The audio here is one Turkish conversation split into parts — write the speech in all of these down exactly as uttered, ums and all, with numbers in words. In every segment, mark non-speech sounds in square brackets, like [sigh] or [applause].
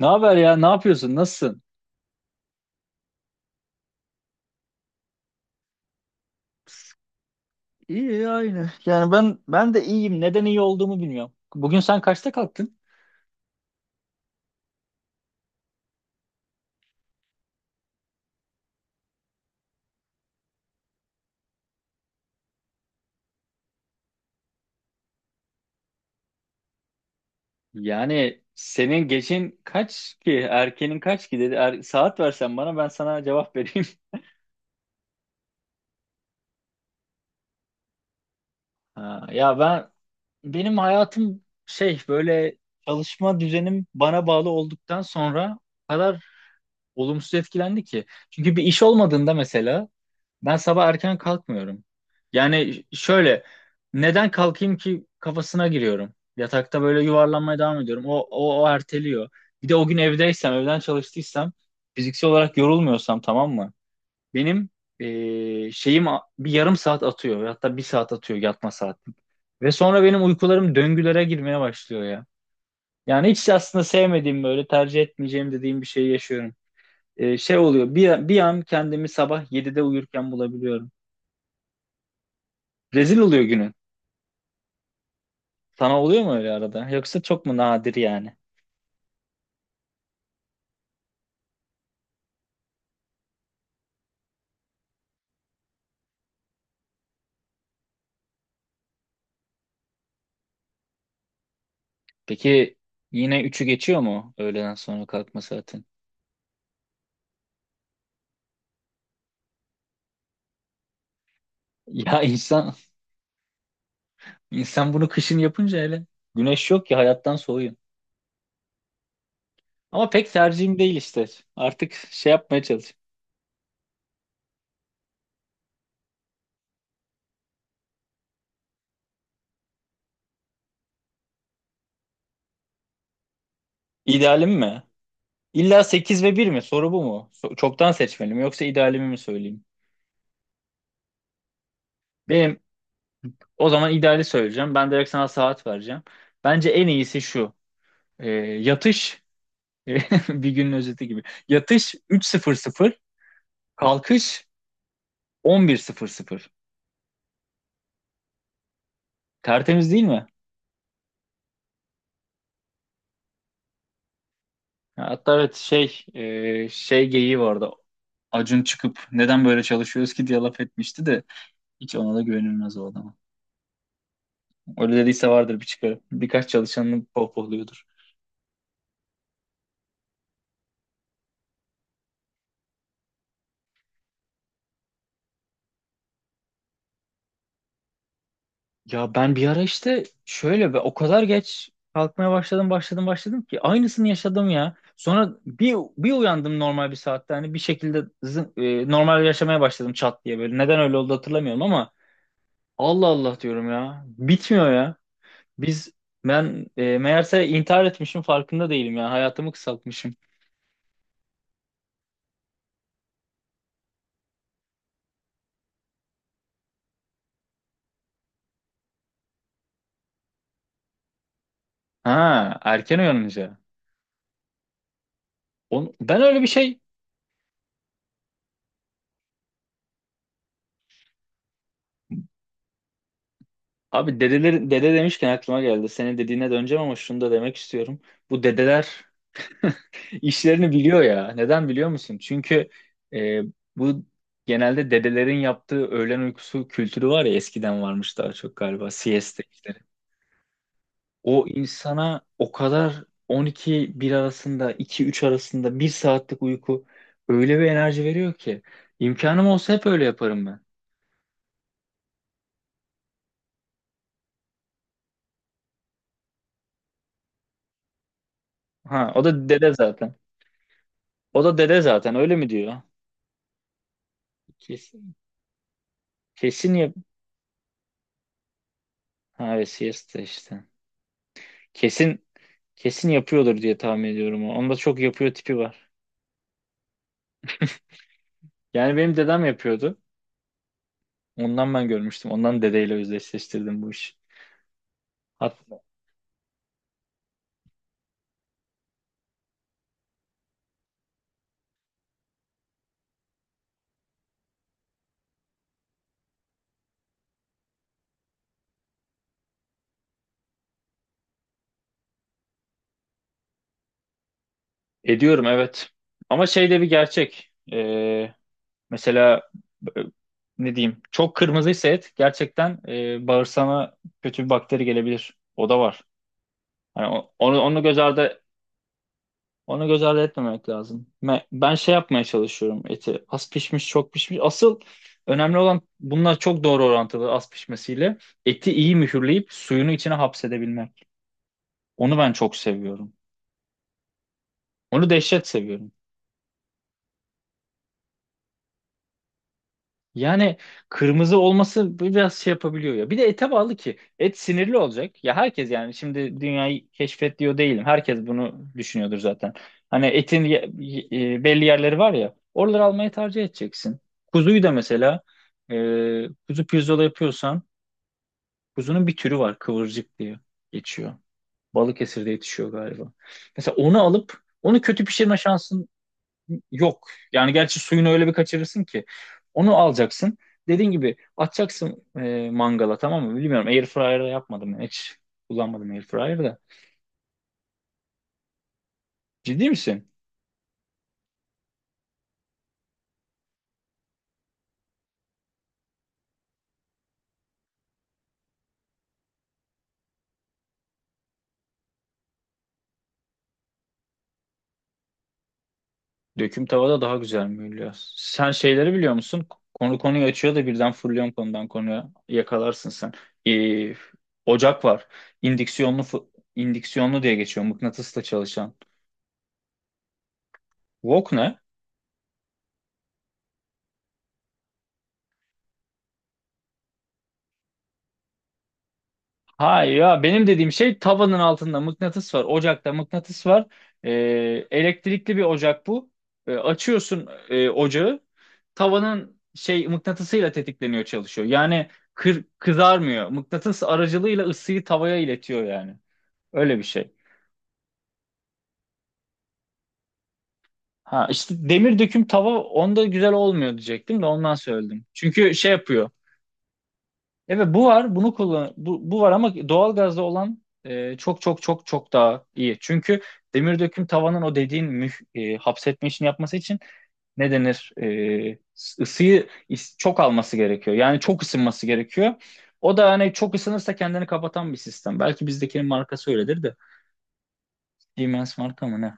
Ne haber ya? Ne yapıyorsun? Nasılsın? İyi aynı. Yani ben ben de iyiyim. Neden iyi olduğumu bilmiyorum. Bugün sen kaçta kalktın? Yani senin geçin kaç ki? Erkenin kaç ki dedi. Er- saat versen bana ben sana cevap vereyim. [laughs] Ha, ya ben benim hayatım şey böyle çalışma düzenim bana bağlı olduktan sonra o kadar olumsuz etkilendi ki. Çünkü bir iş olmadığında mesela ben sabah erken kalkmıyorum. Yani şöyle neden kalkayım ki kafasına giriyorum. Yatakta böyle yuvarlanmaya devam ediyorum. O, o, o erteliyor. Bir de o gün evdeysem, evden çalıştıysam, fiziksel olarak yorulmuyorsam tamam mı? Benim eee, şeyim a- bir yarım saat atıyor. Hatta bir saat atıyor yatma saatim. Ve sonra benim uykularım döngülere girmeye başlıyor ya. Yani hiç aslında sevmediğim böyle tercih etmeyeceğim dediğim bir şeyi yaşıyorum e, şey oluyor. Bir, bir an kendimi sabah yedide uyurken bulabiliyorum. Rezil oluyor günün. Sana oluyor mu öyle arada? Yoksa çok mu nadir yani? Peki yine üçü geçiyor mu öğleden sonra kalkma saatin? [laughs] Ya insan insan bunu kışın yapınca hele güneş yok ya hayattan soğuyun. Ama pek tercihim değil işte. Artık şey yapmaya çalış. İdealim mi? İlla sekiz ve bir mi? Soru bu mu? So- çoktan seçmeli mi? Yoksa idealimi mi söyleyeyim? Benim o zaman ideali söyleyeceğim. Ben direkt sana saat vereceğim. Bence en iyisi şu. E, yatış e, [laughs] bir günün özeti gibi. Yatış üçte, kalkış on birde. Tertemiz değil mi? Hatta evet şey e, şey geyiği vardı. Acun çıkıp neden böyle çalışıyoruz ki diye laf etmişti de hiç ona da güvenilmez o adama. Öyle dediyse vardır bir çıkarı. Birkaç çalışanını pohpohluyordur. Ya ben bir ara işte şöyle ve o kadar geç kalkmaya başladım başladım başladım ki aynısını yaşadım ya. Sonra bir bir uyandım normal bir saatte hani bir şekilde zın- e, normal yaşamaya başladım çat diye böyle. Neden öyle oldu hatırlamıyorum ama Allah Allah diyorum ya. Bitmiyor ya. Biz ben e, meğerse intihar etmişim farkında değilim ya. Hayatımı kısaltmışım. Ha, erken uyanınca. On, ben öyle bir şey. Abi dedeler, dede demişken aklıma geldi. Senin dediğine döneceğim ama şunu da demek istiyorum. Bu dedeler [laughs] İşlerini biliyor ya. Neden biliyor musun? Çünkü e, bu genelde dedelerin yaptığı öğlen uykusu kültürü var ya, eskiden varmış daha çok galiba, siesta işleri. O insana o kadar on iki bir arası arasında, iki üç arasında bir saatlik uyku öyle bir enerji veriyor ki, imkanım olsa hep öyle yaparım ben. Ha o da dede zaten. O da dede zaten öyle mi diyor? Kesin, kesin yap. Ha evet, siesta işte. Kesin kesin yapıyordur diye tahmin ediyorum o. Onda çok yapıyor tipi var. Yani benim dedem yapıyordu. Ondan ben görmüştüm. Ondan dedeyle özdeşleştirdim bu işi. Hat ediyorum evet. Ama şey de bir gerçek. Ee, mesela e, ne diyeyim? Çok kırmızıysa et, gerçekten e, bağırsağına kötü bir bakteri gelebilir. O da var. Yani o- onu, onu göz ardı, onu göz ardı etmemek lazım. Me- Ben şey yapmaya çalışıyorum eti. Az pişmiş, çok pişmiş. Asıl önemli olan bunlar, çok doğru orantılı az pişmesiyle. Eti iyi mühürleyip suyunu içine hapsedebilmek. Onu ben çok seviyorum. Onu dehşet seviyorum. Yani kırmızı olması biraz şey yapabiliyor ya. Bir de ete bağlı ki. Et sinirli olacak. Ya herkes, yani şimdi dünyayı keşfet diyor değilim. Herkes bunu düşünüyordur zaten. Hani etin ye- ye- e, belli yerleri var ya. Oraları almayı tercih edeceksin. Kuzuyu da mesela e, kuzu pirzola yapıyorsan, kuzunun bir türü var, kıvırcık diye geçiyor. Balıkesir'de yetişiyor galiba. Mesela onu alıp onu kötü pişirme şansın yok. Yani gerçi suyunu öyle bir kaçırırsın ki. Onu alacaksın. Dediğin gibi atacaksın e, mangala, tamam mı? Bilmiyorum. Air yapmadım ben. Hiç kullanmadım air. Ciddi misin? Döküm tavada daha güzel mühürlüyor. Sen şeyleri biliyor musun? Konu konuyu açıyor da birden fırlıyorsun konudan konuya. Yakalarsın sen. E, ocak var. İndüksiyonlu, fı- indüksiyonlu diye geçiyor. Mıknatısla çalışan. Wok ne? Hayır ya, benim dediğim şey, tavanın altında mıknatıs var. Ocakta mıknatıs var. Ee, elektrikli bir ocak bu. Ee, açıyorsun e, ocağı. Tavanın şey mıknatısıyla tetikleniyor, çalışıyor. Yani kır, kızarmıyor. Mıknatıs aracılığıyla ısıyı tavaya iletiyor yani. Öyle bir şey. Ha işte demir döküm tava onda güzel olmuyor diyecektim de ondan söyledim. Çünkü şey yapıyor. Evet bu var, bunu kullan, bu, bu var, ama doğalgazda olan e, çok çok çok çok daha iyi. Çünkü demir döküm tavanın o dediğin müh, e, hapsetme işini yapması için ne denir? E, ısıyı is- çok alması gerekiyor. Yani çok ısınması gerekiyor. O da hani çok ısınırsa kendini kapatan bir sistem. Belki bizdekinin markası öyledir de. Siemens marka mı ne?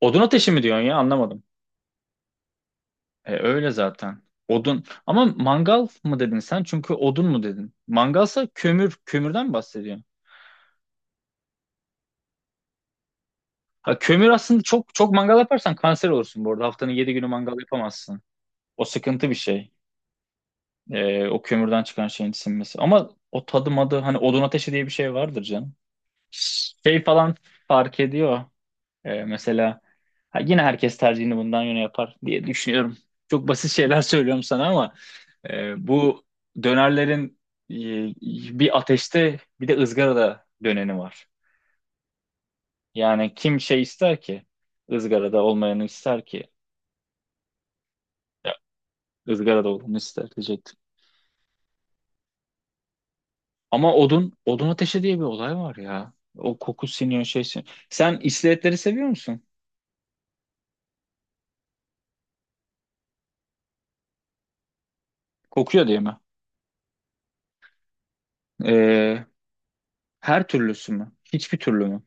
Odun ateşi mi diyorsun ya? Anlamadım. E, öyle zaten. Odun. Ama mangal mı dedin sen? Çünkü odun mu dedin? Mangalsa kömür, kömürden mi bahsediyorsun? Ha, kömür aslında, çok çok mangal yaparsan kanser olursun bu arada. Haftanın yedi günü mangal yapamazsın. O sıkıntı bir şey. Ee, o kömürden çıkan şeyin sinmesi. Ama o tadı madı, hani odun ateşi diye bir şey vardır canım. Şey falan fark ediyor. Ee, mesela ha, yine herkes tercihini bundan yöne yapar diye düşünüyorum. Çok basit şeyler [laughs] söylüyorum sana ama e, bu dönerlerin e, bir ateşte, bir de ızgarada döneni var. Yani kim şey ister ki? Izgarada olmayanı ister ki. E, Izgarada olduğunu ister diyecektim. Ama odun, odun ateşi diye bir olay var ya. O koku siniyor, şey siniyor. Sen iskeletleri seviyor musun? Kokuyor diye mi? Ee, her türlüsü mü? Hiçbir türlü mü?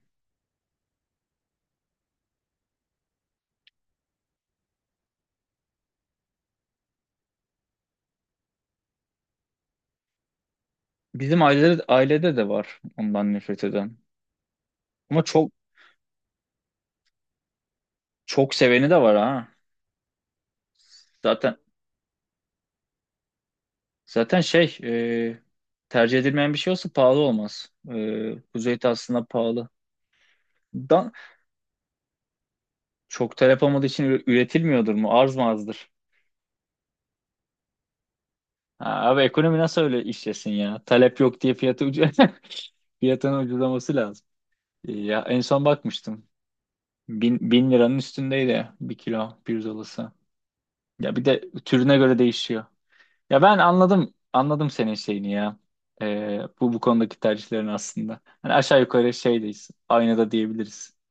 Bizim ailede, ailede de var ondan nefret eden. Ama çok çok seveni de var ha. Zaten zaten şey e, tercih edilmeyen bir şey olsa pahalı olmaz. E, kuzey aslında pahalı. Dan, çok talep olmadığı için üre- üretilmiyordur mu? Arz mı azdır? Ha, abi ekonomi nasıl öyle işlesin ya? Talep yok diye fiyatı ucu [laughs] fiyatının ucuzlaması lazım. E, ya en son bakmıştım. Bin, bin liranın üstündeydi bir kilo pirzolası. Ya bir de türüne göre değişiyor. Ya ben anladım, anladım senin şeyini ya. E, bu bu konudaki tercihlerin aslında. Hani aşağı yukarı şeydeyiz. Aynı da diyebiliriz.